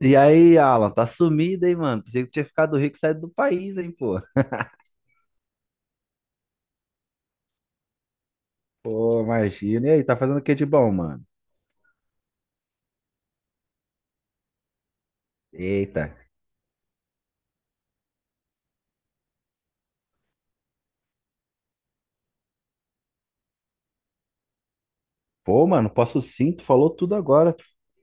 E aí, Alan, tá sumido, hein, mano? Pensei que tinha ficado rico e saído do país, hein, pô. Pô, imagina. E aí, tá fazendo o que de bom, mano? Eita. Pô, mano, posso sim, tu falou tudo agora.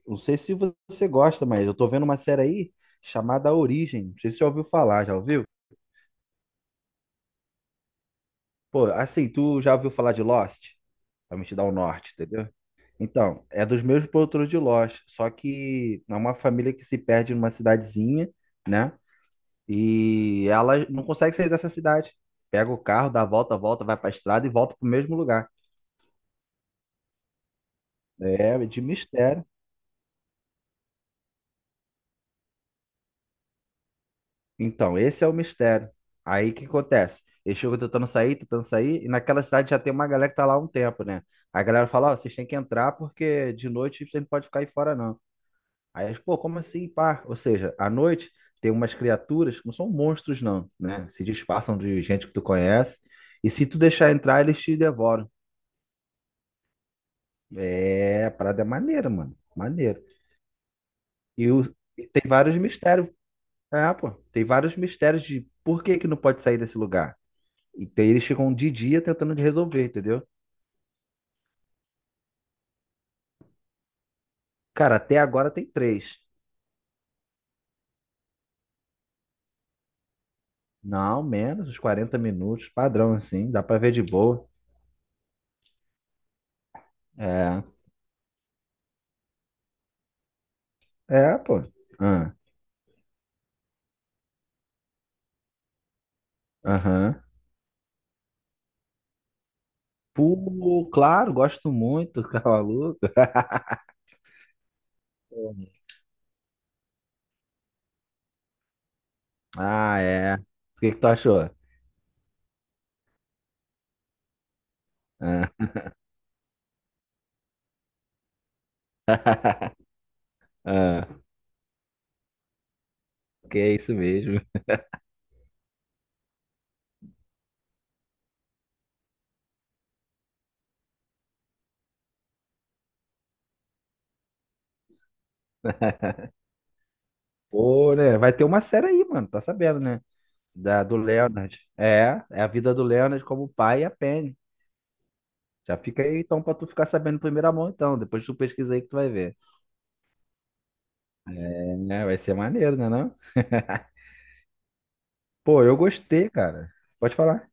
Não sei se você gosta, mas eu tô vendo uma série aí chamada Origem. Não sei se você já ouviu falar, já ouviu? Pô, assim, tu já ouviu falar de Lost? Pra me te dar o norte, entendeu? Então, é dos mesmos produtores de Lost, só que é uma família que se perde numa cidadezinha, né? E ela não consegue sair dessa cidade. Pega o carro, dá a volta, volta, vai pra estrada e volta pro mesmo lugar. É de mistério. Então, esse é o mistério. Aí o que acontece? Eles ficam tentando sair, e naquela cidade já tem uma galera que tá lá há um tempo, né? A galera fala, ó, vocês têm que entrar porque de noite vocês não podem ficar aí fora, não. Aí eles, pô, como assim, pá? Ou seja, à noite tem umas criaturas que não são monstros, não, né? Se disfarçam de gente que tu conhece, e se tu deixar entrar, eles te devoram. É, a parada é maneira, mano. Maneiro. E, o- e tem vários mistérios. É, pô. Tem vários mistérios de por que que não pode sair desse lugar. Eles ficam um de dia tentando de resolver, entendeu? Cara, até agora tem três. Não, menos uns 40 minutos, padrão assim, dá pra ver de boa. É, é, pô. Ah, aham. Pô, claro, gosto muito, Cavaluca. Ah, é. O que que tu achou? Ah, ah, que é isso mesmo. Pô, né? Vai ter uma série aí, mano, tá sabendo, né? Do Leonard. É a vida do Leonard como pai e a Penny. Já fica aí então pra tu ficar sabendo em primeira mão, então. Depois tu pesquisa aí que tu vai ver. É, né? Vai ser maneiro, né, não? Pô, eu gostei, cara. Pode falar.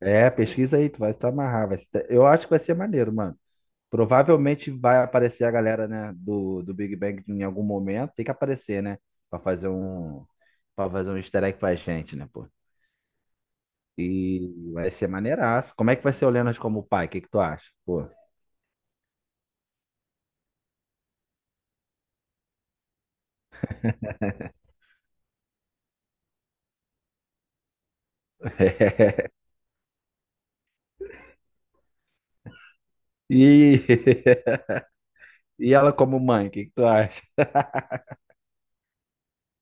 É, pesquisa aí, tu vai se amarrar. Vai se- Eu acho que vai ser maneiro, mano. Provavelmente vai aparecer a galera, né, do Big Bang em algum momento. Tem que aparecer, né? Pra fazer um, pra fazer um easter egg pra gente, né, pô? E vai ser maneiraço. Como é que vai ser o Leonard como pai? O que que tu acha? Pô. E, e ela como mãe? O que que tu acha?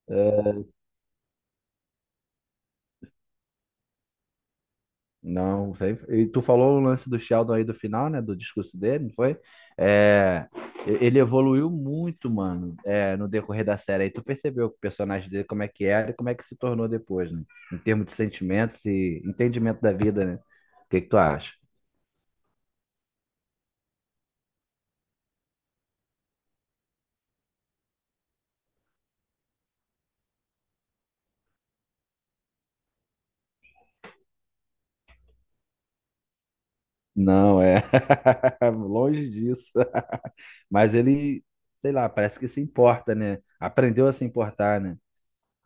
É, não, sei. E tu falou o lance do Sheldon aí do final, né? Do discurso dele, não foi? É, Ele evoluiu muito, mano, no decorrer da série. Aí tu percebeu que o personagem dele, como é que era e como é que se tornou depois, né? Em termos de sentimentos e entendimento da vida, né? O que que tu acha? Não, é longe disso. Mas ele, sei lá, parece que se importa, né? Aprendeu a se importar, né?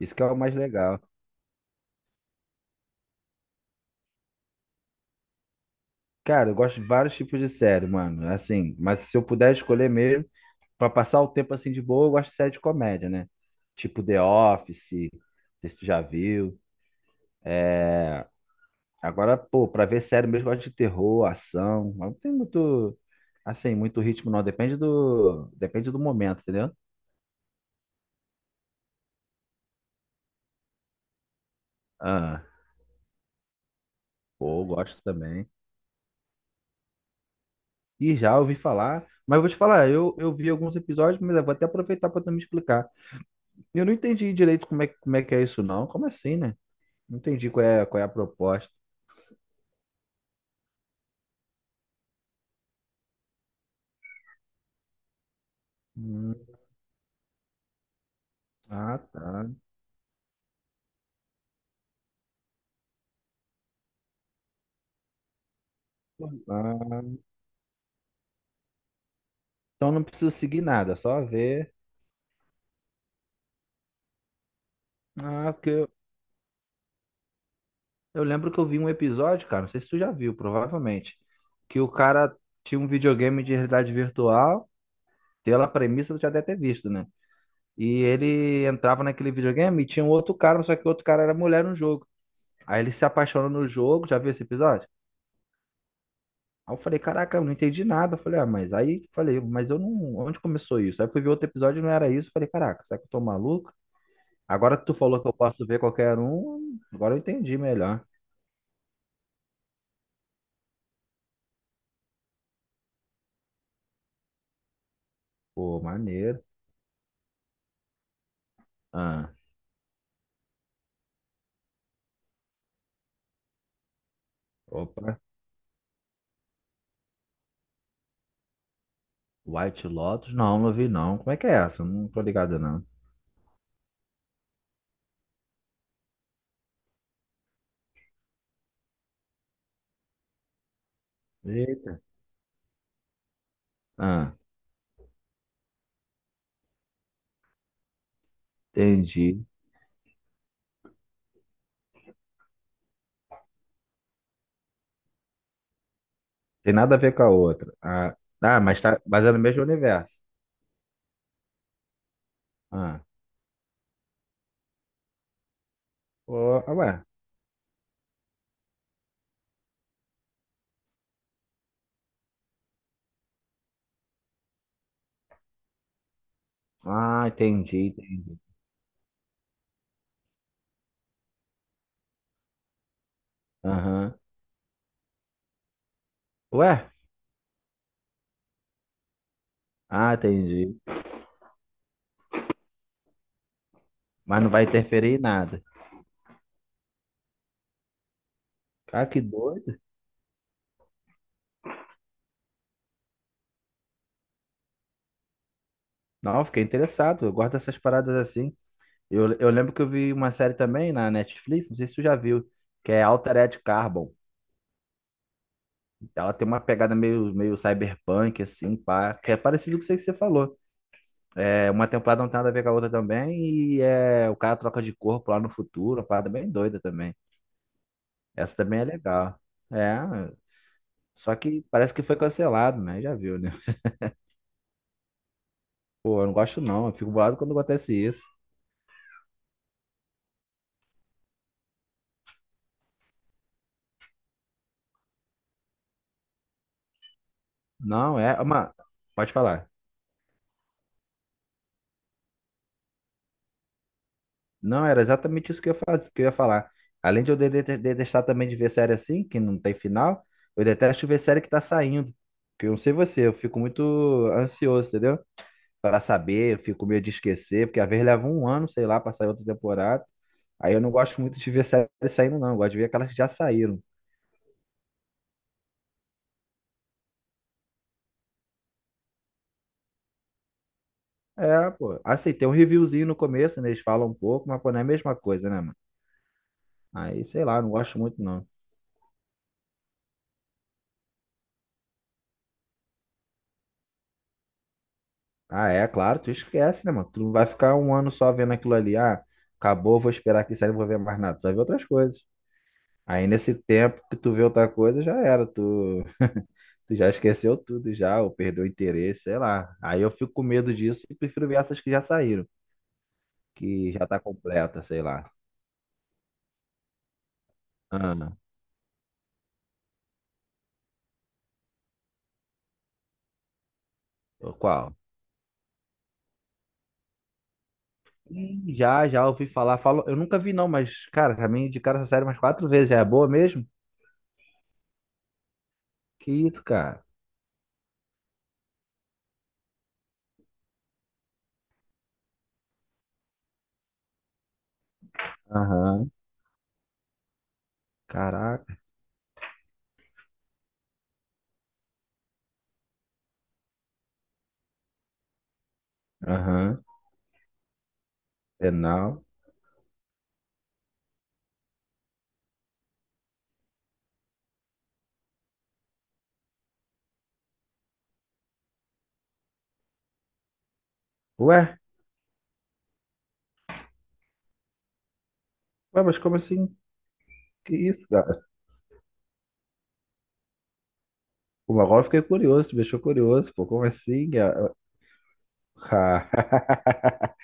Isso que é o mais legal. Cara, eu gosto de vários tipos de série, mano. Assim, mas se eu puder escolher mesmo, pra passar o tempo assim de boa, eu gosto de série de comédia, né? Tipo The Office, não sei se tu já viu. É, agora, pô, pra ver série mesmo, eu gosto de terror, ação. Mas não tem muito, assim, muito ritmo, não. Depende do momento, entendeu? Ah, pô, eu gosto também. E já ouvi falar, mas vou te falar, eu vi alguns episódios, mas eu vou até aproveitar para tu me explicar. Eu não entendi direito como é que é isso, não. Como assim, né? Não entendi qual é a proposta. Hum, ah, tá. Ah, então não preciso seguir nada, só ver. Ah, porque eu lembro que eu vi um episódio, cara, não sei se tu já viu, provavelmente, que o cara tinha um videogame de realidade virtual, pela premissa tu já deve ter visto, né? E ele entrava naquele videogame e tinha um outro cara, só que o outro cara era mulher no jogo. Aí ele se apaixona no jogo, já viu esse episódio? Aí eu falei, caraca, eu não entendi nada. Eu falei, ah, mas aí falei, mas eu não. Onde começou isso? Aí eu fui ver outro episódio e não era isso. Eu falei, caraca, será que eu tô maluco? Agora que tu falou que eu posso ver qualquer um, agora eu entendi melhor. Pô, maneiro. Ah, opa, White Lotus? Não, não vi não. Como é que é essa? Eu não tô ligado não. Eita. Ah, entendi. Tem nada a ver com a outra. Ah, ah mas, tá, mas é no mesmo universo. Ah, pô, ah, ué. Ah, entendi, entendi. Aham. Ué? Ah, entendi. Mas não vai interferir em nada. Cara, que doido. Não, eu fiquei interessado. Eu gosto dessas paradas assim. Eu lembro que eu vi uma série também na Netflix, não sei se tu já viu, que é Altered Carbon. Ela tem uma pegada meio cyberpunk, assim, pá, que é parecido com isso aí que você falou. É, uma temporada não tem nada a ver com a outra também, e o cara troca de corpo lá no futuro, uma parada bem doida também. Essa também é legal. É, só que parece que foi cancelado, né? Já viu, né? Pô, eu não gosto não, eu fico bolado quando acontece isso. Não, é, uma, pode falar. Não, era exatamente isso que eu ia fazer, que eu ia falar. Além de eu detestar também de ver série assim, que não tem final, eu detesto ver série que tá saindo. Que eu não sei você, eu fico muito ansioso, entendeu? Para saber, eu fico com medo de esquecer, porque às vezes leva um ano, sei lá, para sair outra temporada. Aí eu não gosto muito de ver série saindo, não. Eu gosto de ver aquelas que já saíram. É, pô. Assim, tem um reviewzinho no começo, né? Eles falam um pouco, mas pô, não é a mesma coisa, né, mano? Aí, sei lá, não gosto muito, não. Ah, é, claro, tu esquece, né, mano? Tu não vai ficar um ano só vendo aquilo ali. Ah, acabou, vou esperar que sair, não vou ver mais nada. Tu vai ver outras coisas. Aí nesse tempo que tu vê outra coisa, já era. Tu, tu já esqueceu tudo, já, ou perdeu o interesse, sei lá. Aí eu fico com medo disso e prefiro ver essas que já saíram, que já tá completa, sei lá. Ana, ou qual? Ih, já, ouvi falar. Falo, eu nunca vi, não, mas, cara, já me indicaram essa série umas quatro vezes. Já é boa mesmo? Que isso, cara? Aham. Caraca. Aham. Penal. Ué, ué, mas como assim? Que isso, cara? Pô, agora eu fiquei curioso, me deixou curioso, pô, como assim? Ah, ah.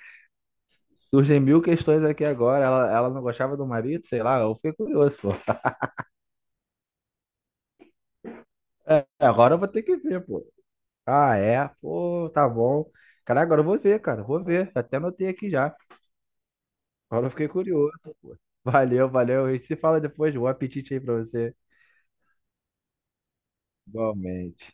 Surgem mil questões aqui agora. Ela não gostava do marido, sei lá, eu fiquei curioso, pô. É, agora eu vou ter que ver, pô. Ah, é? Pô, tá bom. Cara, agora eu vou ver, cara, vou ver. Até anotei aqui já. Agora eu fiquei curioso, pô. Valeu, valeu. E se fala depois, bom apetite aí pra você. Igualmente.